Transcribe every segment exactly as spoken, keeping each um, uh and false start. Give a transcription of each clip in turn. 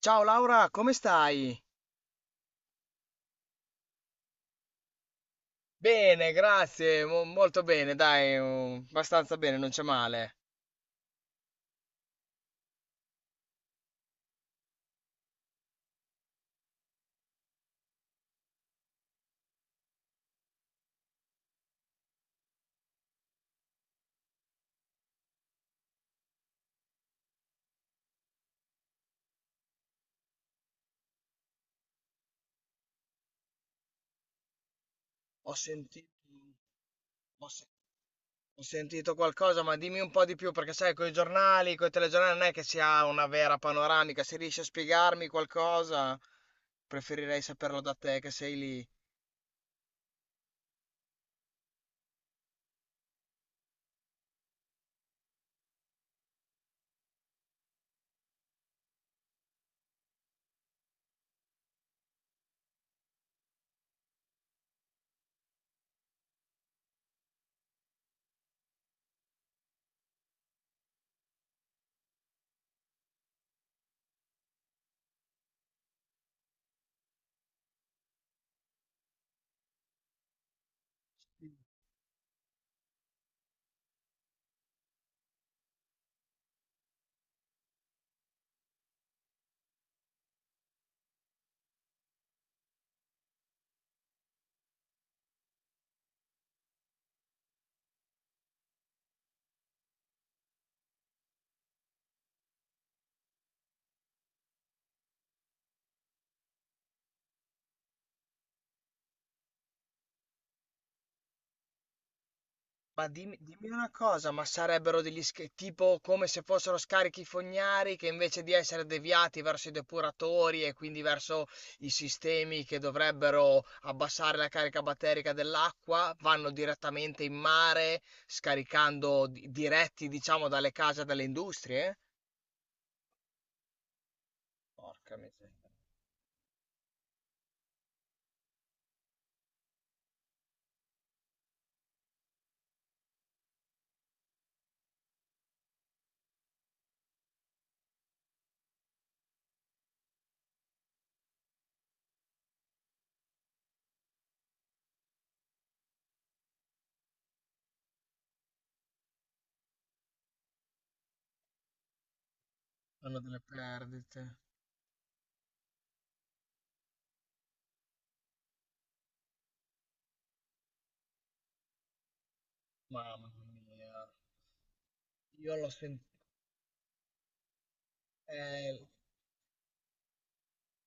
Ciao Laura, come stai? Bene, grazie, mo- molto bene, dai, um, abbastanza bene, non c'è male. Ho sentito, ho se- ho sentito qualcosa, ma dimmi un po' di più, perché sai, con i giornali, con i telegiornali non è che si ha una vera panoramica, se riesci a spiegarmi qualcosa, preferirei saperlo da te che sei lì. Ma dimmi, dimmi una cosa, ma sarebbero degli sch- tipo come se fossero scarichi fognari che invece di essere deviati verso i depuratori e quindi verso i sistemi che dovrebbero abbassare la carica batterica dell'acqua, vanno direttamente in mare, scaricando di- diretti, diciamo, dalle case e dalle industrie? Porca miseria, hanno delle perdite. Mamma mia, io l'ho sentito,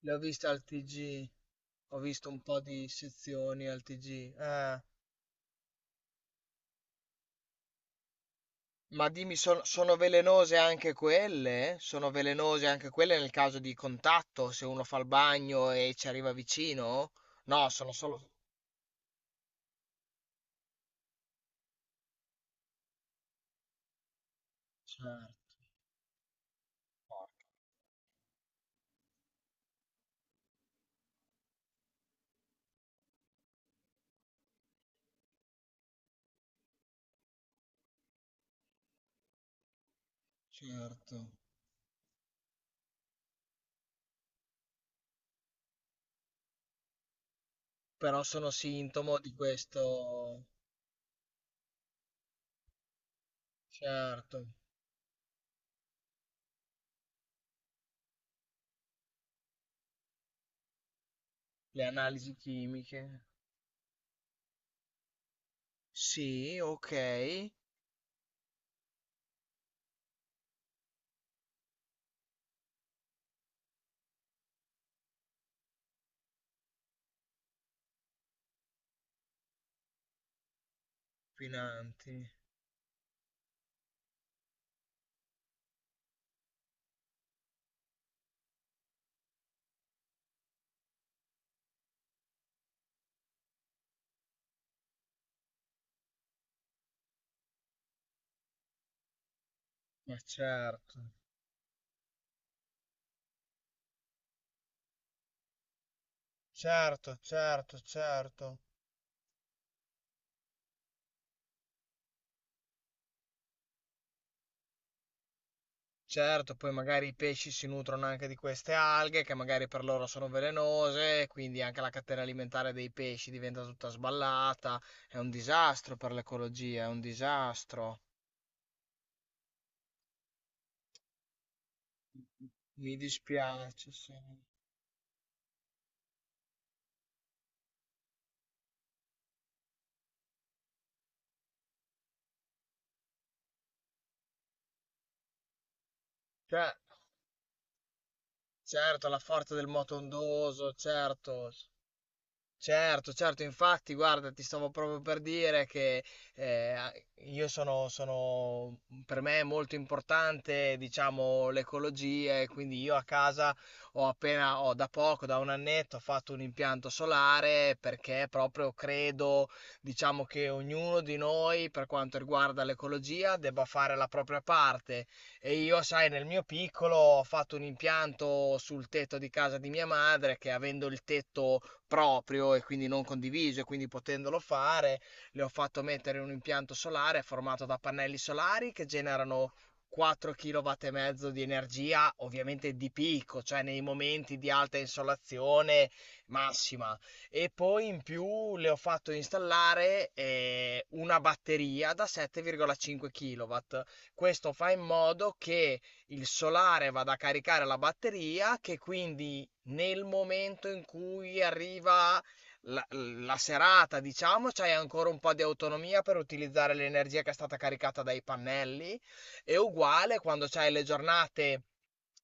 le ho viste al ti gi. Ho visto un po' di sezioni al ti gi. Ah, ma dimmi, son- sono velenose anche quelle? Sono velenose anche quelle nel caso di contatto, se uno fa il bagno e ci arriva vicino? No, sono solo... Certo, certo. Però sono sintomo di questo... Certo, le analisi chimiche. Sì, ok. Inquinanti. Ma certo. Certo, certo, certo. Certo, poi magari i pesci si nutrono anche di queste alghe che magari per loro sono velenose, quindi anche la catena alimentare dei pesci diventa tutta sballata. È un disastro per l'ecologia, è un disastro. Mi dispiace, sì. Cioè, certo, la forza del moto ondoso, certo. Certo, certo, infatti, guarda, ti stavo proprio per dire che eh, a- io sono, sono, per me è molto importante, diciamo, l'ecologia e quindi io a casa ho appena, ho da poco, da un annetto, ho fatto un impianto solare perché proprio credo, diciamo, che ognuno di noi, per quanto riguarda l'ecologia, debba fare la propria parte. E io, sai, nel mio piccolo ho fatto un impianto sul tetto di casa di mia madre che avendo il tetto proprio e quindi non condiviso e quindi potendolo fare, le ho fatto mettere un impianto solare formato da pannelli solari che generano quattro kilowatt e mezzo di energia, ovviamente di picco, cioè nei momenti di alta insolazione massima. E poi in più le ho fatto installare eh, una batteria da sette virgola cinque kW. Questo fa in modo che il solare vada a caricare la batteria, che quindi nel momento in cui arriva la, la serata, diciamo, c'hai ancora un po' di autonomia per utilizzare l'energia che è stata caricata dai pannelli. E uguale quando c'hai le giornate.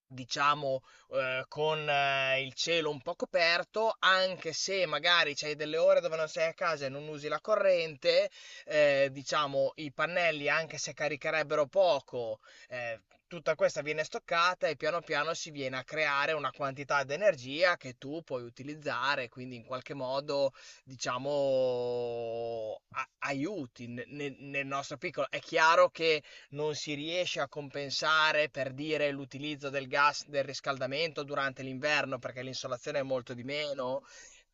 Diciamo, eh, con eh, il cielo un po' coperto, anche se magari c'hai delle ore dove non sei a casa e non usi la corrente, eh, diciamo, i pannelli, anche se caricherebbero poco, eh, tutta questa viene stoccata e piano piano si viene a creare una quantità di energia che tu puoi utilizzare, quindi in qualche modo, diciamo, a- aiuti ne- ne- nel nostro piccolo. È chiaro che non si riesce a compensare per dire l'utilizzo del gas del riscaldamento durante l'inverno perché l'insolazione è molto di meno.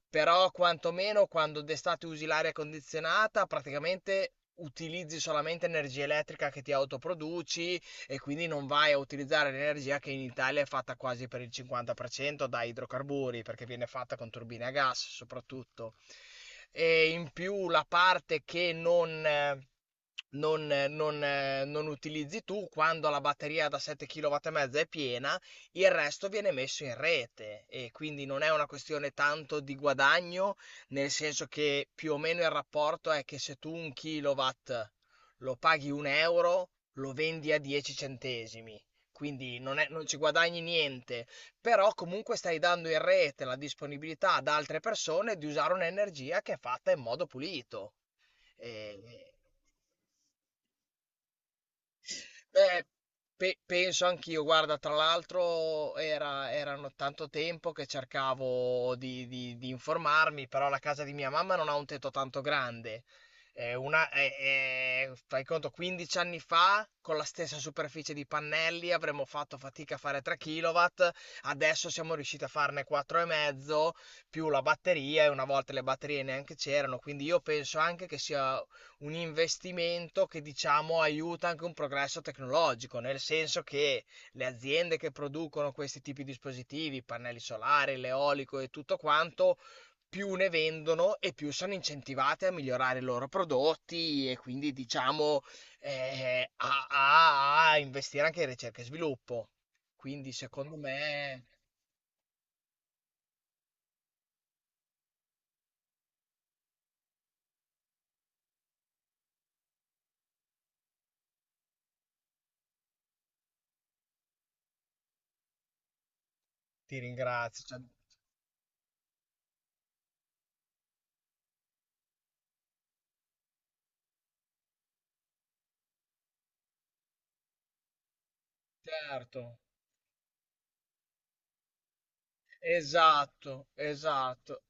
Però quantomeno quando d'estate usi l'aria condizionata, praticamente utilizzi solamente energia elettrica che ti autoproduci e quindi non vai a utilizzare l'energia che in Italia è fatta quasi per il cinquanta per cento da idrocarburi, perché viene fatta con turbine a gas soprattutto. E in più la parte che non... eh, non, non, eh, non utilizzi tu, quando la batteria da sette kilowatt e mezza è piena, il resto viene messo in rete e quindi non è una questione tanto di guadagno, nel senso che più o meno il rapporto è che se tu un kilowatt lo paghi un euro, lo vendi a dieci centesimi, quindi non, è- non ci guadagni niente, però comunque stai dando in rete la disponibilità ad altre persone di usare un'energia che è fatta in modo pulito. E- Beh, pe- penso anch'io. Guarda, tra l'altro era, erano tanto tempo che cercavo di, di- di informarmi, però la casa di mia mamma non ha un tetto tanto grande. È una, è- è- Fai conto, quindici anni fa, con la stessa superficie di pannelli, avremmo fatto fatica a fare tre kilowatt, adesso siamo riusciti a farne quattro virgola cinque più la batteria, e una volta le batterie neanche c'erano, quindi io penso anche che sia un investimento che diciamo aiuta anche un progresso tecnologico, nel senso che le aziende che producono questi tipi di dispositivi, pannelli solari, l'eolico e tutto quanto, più ne vendono e più sono incentivate a migliorare i loro prodotti e quindi diciamo eh, a, a- a investire anche in ricerca e sviluppo. Quindi secondo me ti ringrazio. Cioè, certo, esatto, esatto.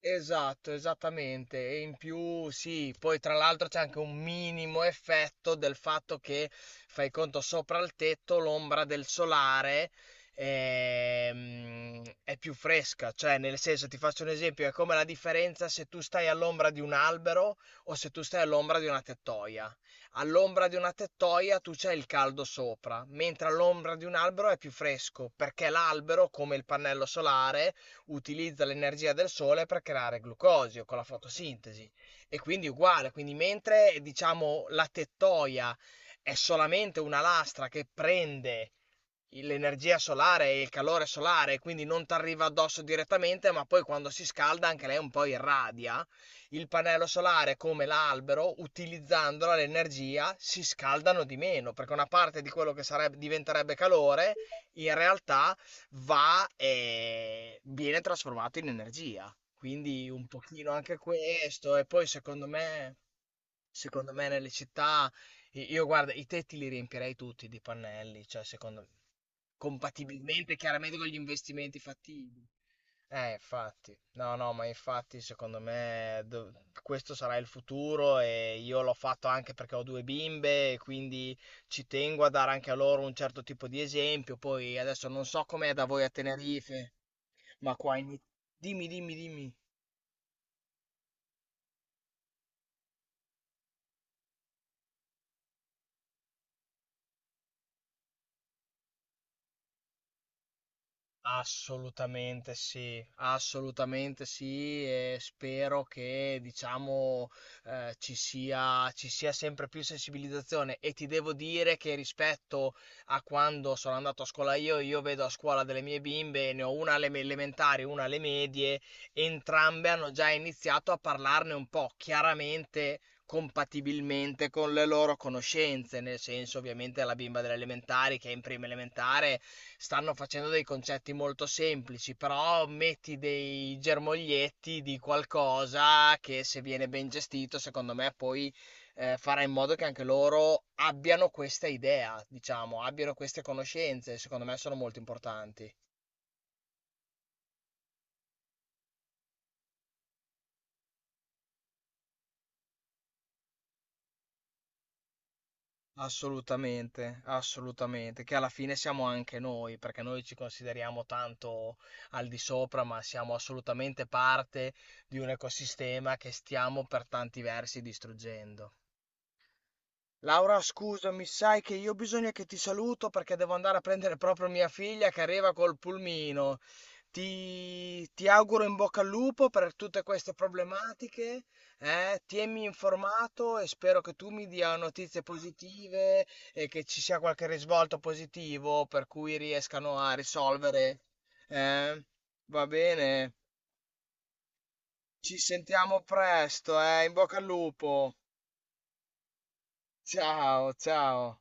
Esatto, esattamente. E in più, sì, poi tra l'altro c'è anche un minimo effetto del fatto che fai conto sopra il tetto l'ombra del solare ehm, è più fresca, cioè nel senso ti faccio un esempio, è come la differenza se tu stai all'ombra di un albero o se tu stai all'ombra di una tettoia. All'ombra di una tettoia tu c'hai il caldo sopra, mentre all'ombra di un albero è più fresco, perché l'albero, come il pannello solare, utilizza l'energia del sole per creare glucosio con la fotosintesi e quindi uguale, quindi mentre diciamo la tettoia è solamente una lastra che prende l'energia solare e il calore solare, quindi non ti arriva addosso direttamente, ma poi quando si scalda anche lei un po' irradia. Il pannello solare, come l'albero, utilizzandola l'energia, si scaldano di meno, perché una parte di quello che sarebbe, diventerebbe calore, in realtà va e viene trasformato in energia. Quindi un pochino anche questo, e poi secondo me, secondo me nelle città... I- Io guarda, i tetti li riempirei tutti di pannelli, cioè secondo compatibilmente chiaramente con gli investimenti fattibili. Eh, infatti, no, no, ma infatti secondo me dov- questo sarà il futuro e io l'ho fatto anche perché ho due bimbe e quindi ci tengo a dare anche a loro un certo tipo di esempio. Poi adesso non so com'è da voi a Tenerife, ma qua in... Dimmi, dimmi, dimmi. Assolutamente sì, assolutamente sì e spero che diciamo eh, ci sia, ci sia sempre più sensibilizzazione e ti devo dire che rispetto a quando sono andato a scuola io, io vedo a scuola delle mie bimbe, ne ho una alle me- elementari, una alle medie, entrambe hanno già iniziato a parlarne un po', chiaramente compatibilmente con le loro conoscenze, nel senso ovviamente la bimba delle elementari che è in prima elementare stanno facendo dei concetti molto semplici, però metti dei germoglietti di qualcosa che se viene ben gestito, secondo me poi eh, farà in modo che anche loro abbiano questa idea, diciamo, abbiano queste conoscenze, secondo me sono molto importanti. Assolutamente, assolutamente, che alla fine siamo anche noi, perché noi ci consideriamo tanto al di sopra, ma siamo assolutamente parte di un ecosistema che stiamo per tanti versi distruggendo. Laura, scusami, sai che io bisogna che ti saluto perché devo andare a prendere proprio mia figlia che arriva col pulmino. Ti, ti auguro in bocca al lupo per tutte queste problematiche, eh? Tienimi informato e spero che tu mi dia notizie positive e che ci sia qualche risvolto positivo per cui riescano a risolvere. Eh? Va bene, ci sentiamo presto, eh? In bocca al lupo. Ciao, ciao.